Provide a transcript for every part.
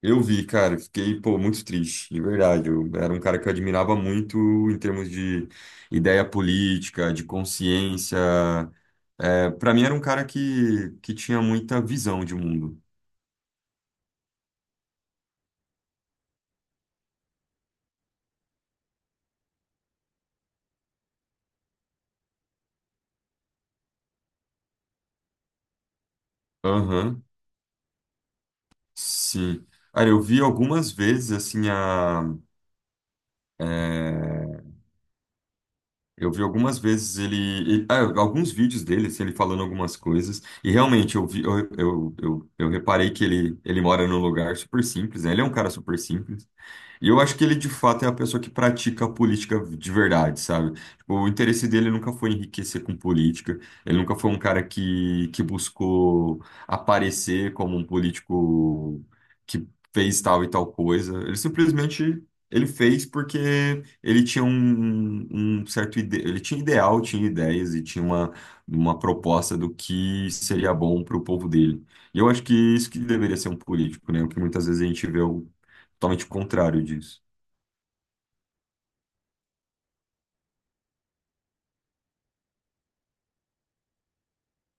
Eu vi, cara, eu fiquei, pô, muito triste, de verdade. Eu era um cara que eu admirava muito em termos de ideia política, de consciência. Para mim era um cara que tinha muita visão de mundo. Aham, sim. Cara, eu vi algumas vezes, assim, é, eu vi algumas vezes alguns vídeos dele, assim, ele falando algumas coisas, e realmente eu vi, eu reparei que ele mora num lugar super simples, né? Ele é um cara super simples. E eu acho que ele, de fato, é a pessoa que pratica a política de verdade, sabe? Tipo, o interesse dele nunca foi enriquecer com política, ele nunca foi um cara que buscou aparecer como um político que fez tal e tal coisa. Ele simplesmente ele fez porque ele tinha um certo ele tinha ideal, tinha ideias e tinha uma proposta do que seria bom para o povo dele. E eu acho que isso que deveria ser um político, né? O que muitas vezes a gente vê totalmente contrário disso.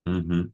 Uhum.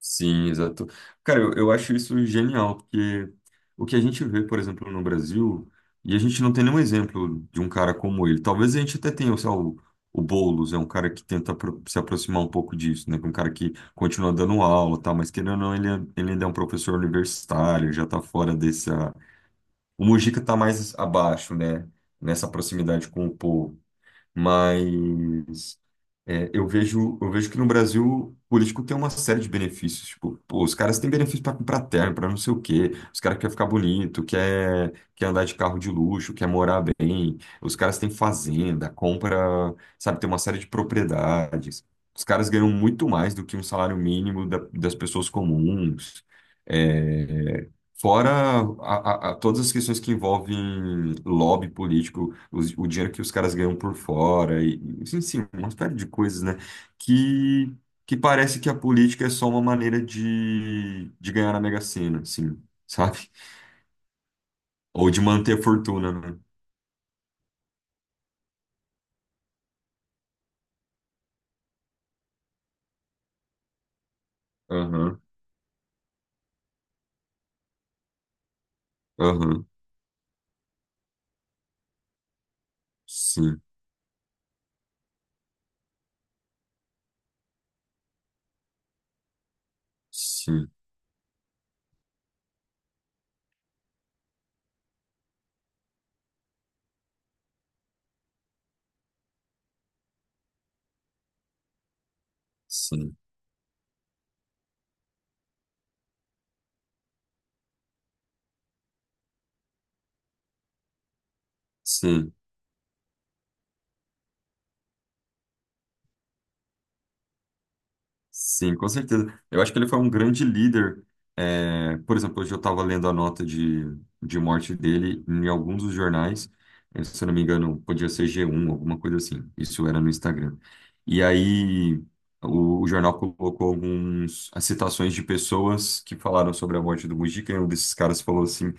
Sim, exato. Cara, eu acho isso genial, porque o que a gente vê, por exemplo, no Brasil, e a gente não tem nenhum exemplo de um cara como ele. Talvez a gente até tenha, sei lá, o Boulos, é um cara que tenta se aproximar um pouco disso, né? é Um cara que continua dando aula, e tal, mas querendo ou não, ele ainda é um professor universitário, já tá fora dessa. O Mujica tá mais abaixo, né? Nessa proximidade com o povo. Mas. É, eu vejo que no Brasil o político tem uma série de benefícios. Tipo, pô, os caras têm benefício para comprar terno, para não sei o quê. Os caras querem ficar bonito, quer andar de carro de luxo, quer morar bem. Os caras têm fazenda, compra, sabe, tem uma série de propriedades. Os caras ganham muito mais do que um salário mínimo das pessoas comuns. é, Fora a, todas as questões que envolvem lobby político, o dinheiro que os caras ganham por fora, e, enfim, uma série de coisas, né? Que, que parece que a política é só uma maneira de ganhar na Mega Sena, assim, sabe? Ou de manter a fortuna, né? Aham, aham. Sim, sim, sim, sim. Sim, com certeza. Eu acho que ele foi um grande líder. É, por exemplo, hoje eu estava lendo a nota de morte dele em alguns dos jornais. Se eu não me engano, podia ser G1, alguma coisa assim. Isso era no Instagram. E aí o jornal colocou algumas as citações de pessoas que falaram sobre a morte do Mujica. E um desses caras falou assim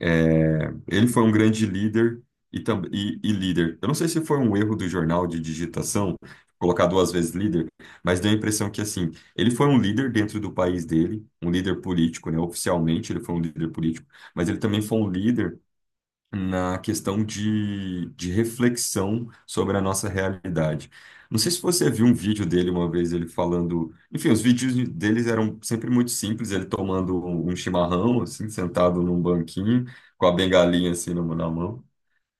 ele foi um grande líder e, e líder. Eu não sei se foi um erro do jornal de digitação, colocar duas vezes líder, mas deu a impressão que, assim, ele foi um líder dentro do país dele, um líder político, né? Oficialmente ele foi um líder político, mas ele também foi um líder na questão de reflexão sobre a nossa realidade. Não sei se você viu um vídeo dele uma vez, ele falando. Enfim, os vídeos deles eram sempre muito simples, ele tomando um chimarrão, assim, sentado num banquinho, com a bengalinha assim na mão.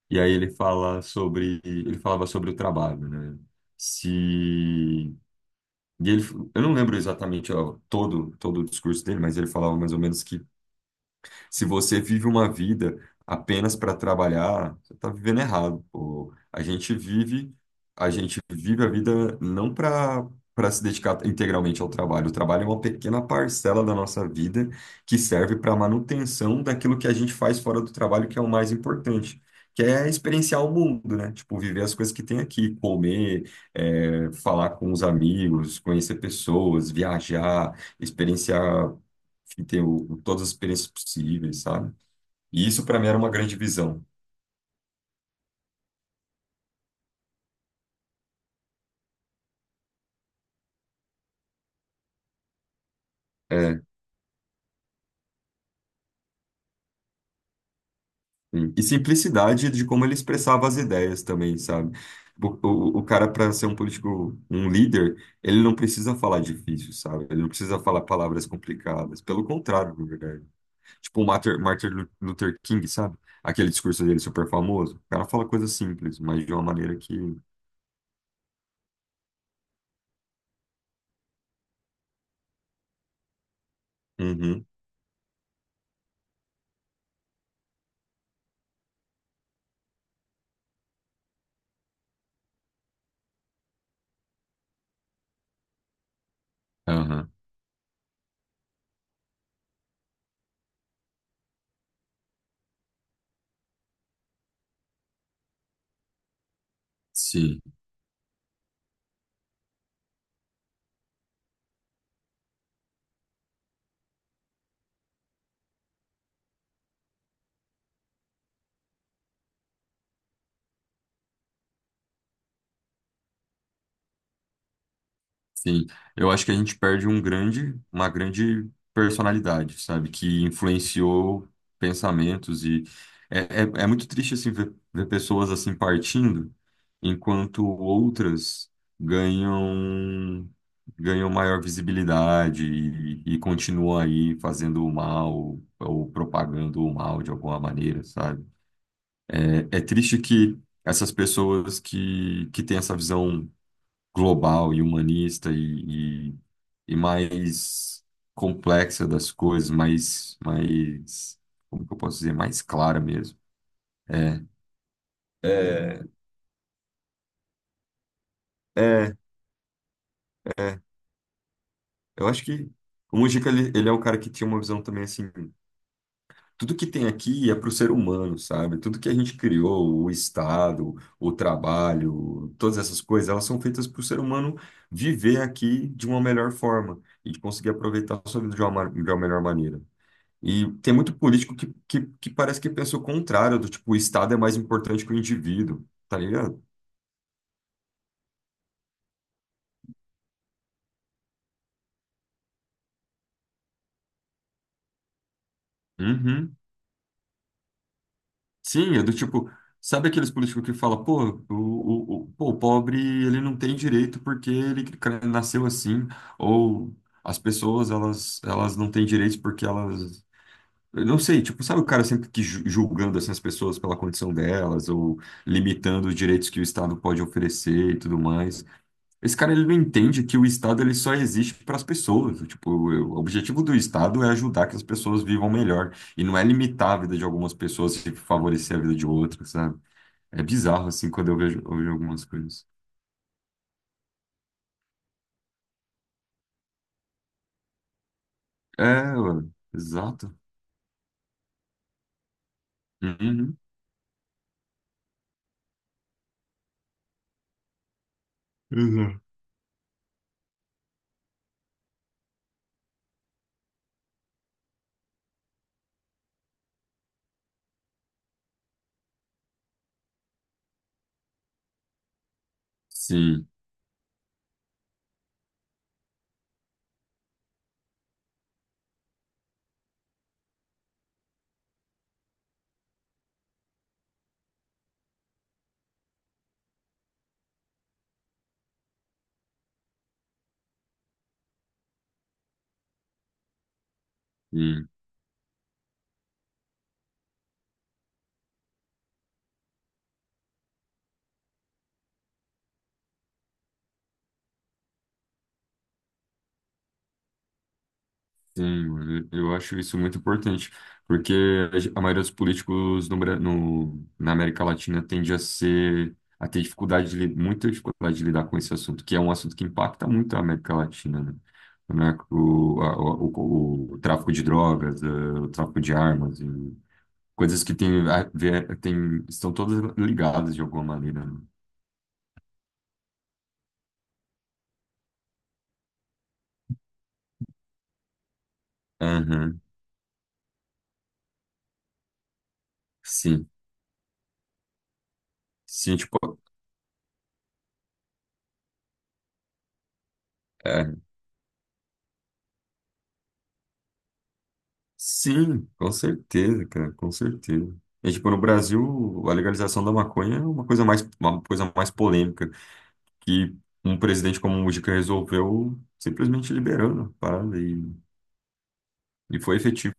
E aí ele fala sobre. Ele falava sobre o trabalho, né? Se. E ele, eu não lembro exatamente ó, todo o discurso dele, mas ele falava mais ou menos que se você vive uma vida apenas para trabalhar, você está vivendo errado, pô. A gente vive a vida não para se dedicar integralmente ao trabalho. O trabalho é uma pequena parcela da nossa vida que serve para a manutenção daquilo que a gente faz fora do trabalho, que é o mais importante. Que é experienciar o mundo, né? Tipo, viver as coisas que tem aqui, comer, falar com os amigos, conhecer pessoas, viajar, experienciar que tem todas as experiências possíveis, sabe? E isso para mim era uma grande visão. É, sim. E simplicidade de como ele expressava as ideias também, sabe? O cara, para ser um político, um líder, ele não precisa falar difícil, sabe? Ele não precisa falar palavras complicadas. Pelo contrário, na verdade. Tipo o Martin, Luther King, sabe? Aquele discurso dele super famoso. O cara fala coisas simples, mas de uma maneira que. Uhum. Aham. Sim. Sim, eu acho que a gente perde uma grande personalidade, sabe? Que influenciou pensamentos e é muito triste assim ver pessoas assim partindo, enquanto outras ganham ganham maior visibilidade e continuam aí fazendo o mal ou propagando o mal de alguma maneira, sabe? É, é triste que essas pessoas que têm essa visão global e humanista e mais complexa das coisas, como que eu posso dizer, mais clara mesmo. É, é, é, é. Eu acho que o Mujica, ele é um cara que tinha uma visão também assim, tudo que tem aqui é para o ser humano, sabe? Tudo que a gente criou, o Estado, o trabalho, todas essas coisas, elas são feitas para o ser humano viver aqui de uma melhor forma e de conseguir aproveitar a sua vida de de uma melhor maneira. E tem muito político que parece que pensa o contrário, do tipo, o Estado é mais importante que o indivíduo, tá ligado? Uhum. Sim, é do tipo, sabe aqueles políticos que falam, pô, o pobre ele não tem direito porque ele nasceu assim, ou as pessoas elas não têm direitos porque elas. Eu não sei, tipo, sabe o cara sempre que julgando assim, as pessoas pela condição delas, ou limitando os direitos que o Estado pode oferecer e tudo mais. Esse cara ele não entende que o Estado ele só existe para as pessoas. Tipo, o objetivo do Estado é ajudar que as pessoas vivam melhor e não é limitar a vida de algumas pessoas e favorecer a vida de outras, sabe? É bizarro assim quando eu vejo algumas coisas. É, ué, exato. Uhum. Exato. Sim, sim. Sim, mano, eu acho isso muito importante, porque a maioria dos políticos na América Latina tende a ser, a ter dificuldade muita dificuldade de lidar com esse assunto, que é um assunto que impacta muito a América Latina, né? O, narco- o, a- o- o tráfico de drogas, o tráfico de armas, e coisas que tem, tem, estão todas ligadas de alguma maneira, né? Aham, sim. Sim, tipo, sim, com certeza, cara, com certeza. É, tipo, no Brasil, a legalização da maconha é uma coisa mais polêmica, que um presidente como o Mujica resolveu simplesmente liberando a parada e foi efetivo.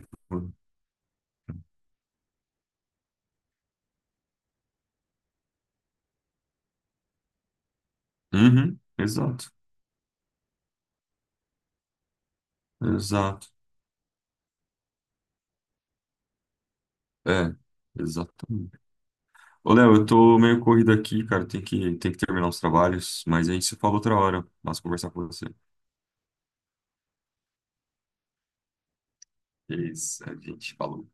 Uhum, exato, exato. É, exatamente. Ô, Léo, eu tô meio corrido aqui, cara, tem que terminar os trabalhos, mas a gente se fala outra hora. Mas conversar com você. É isso, a gente falou.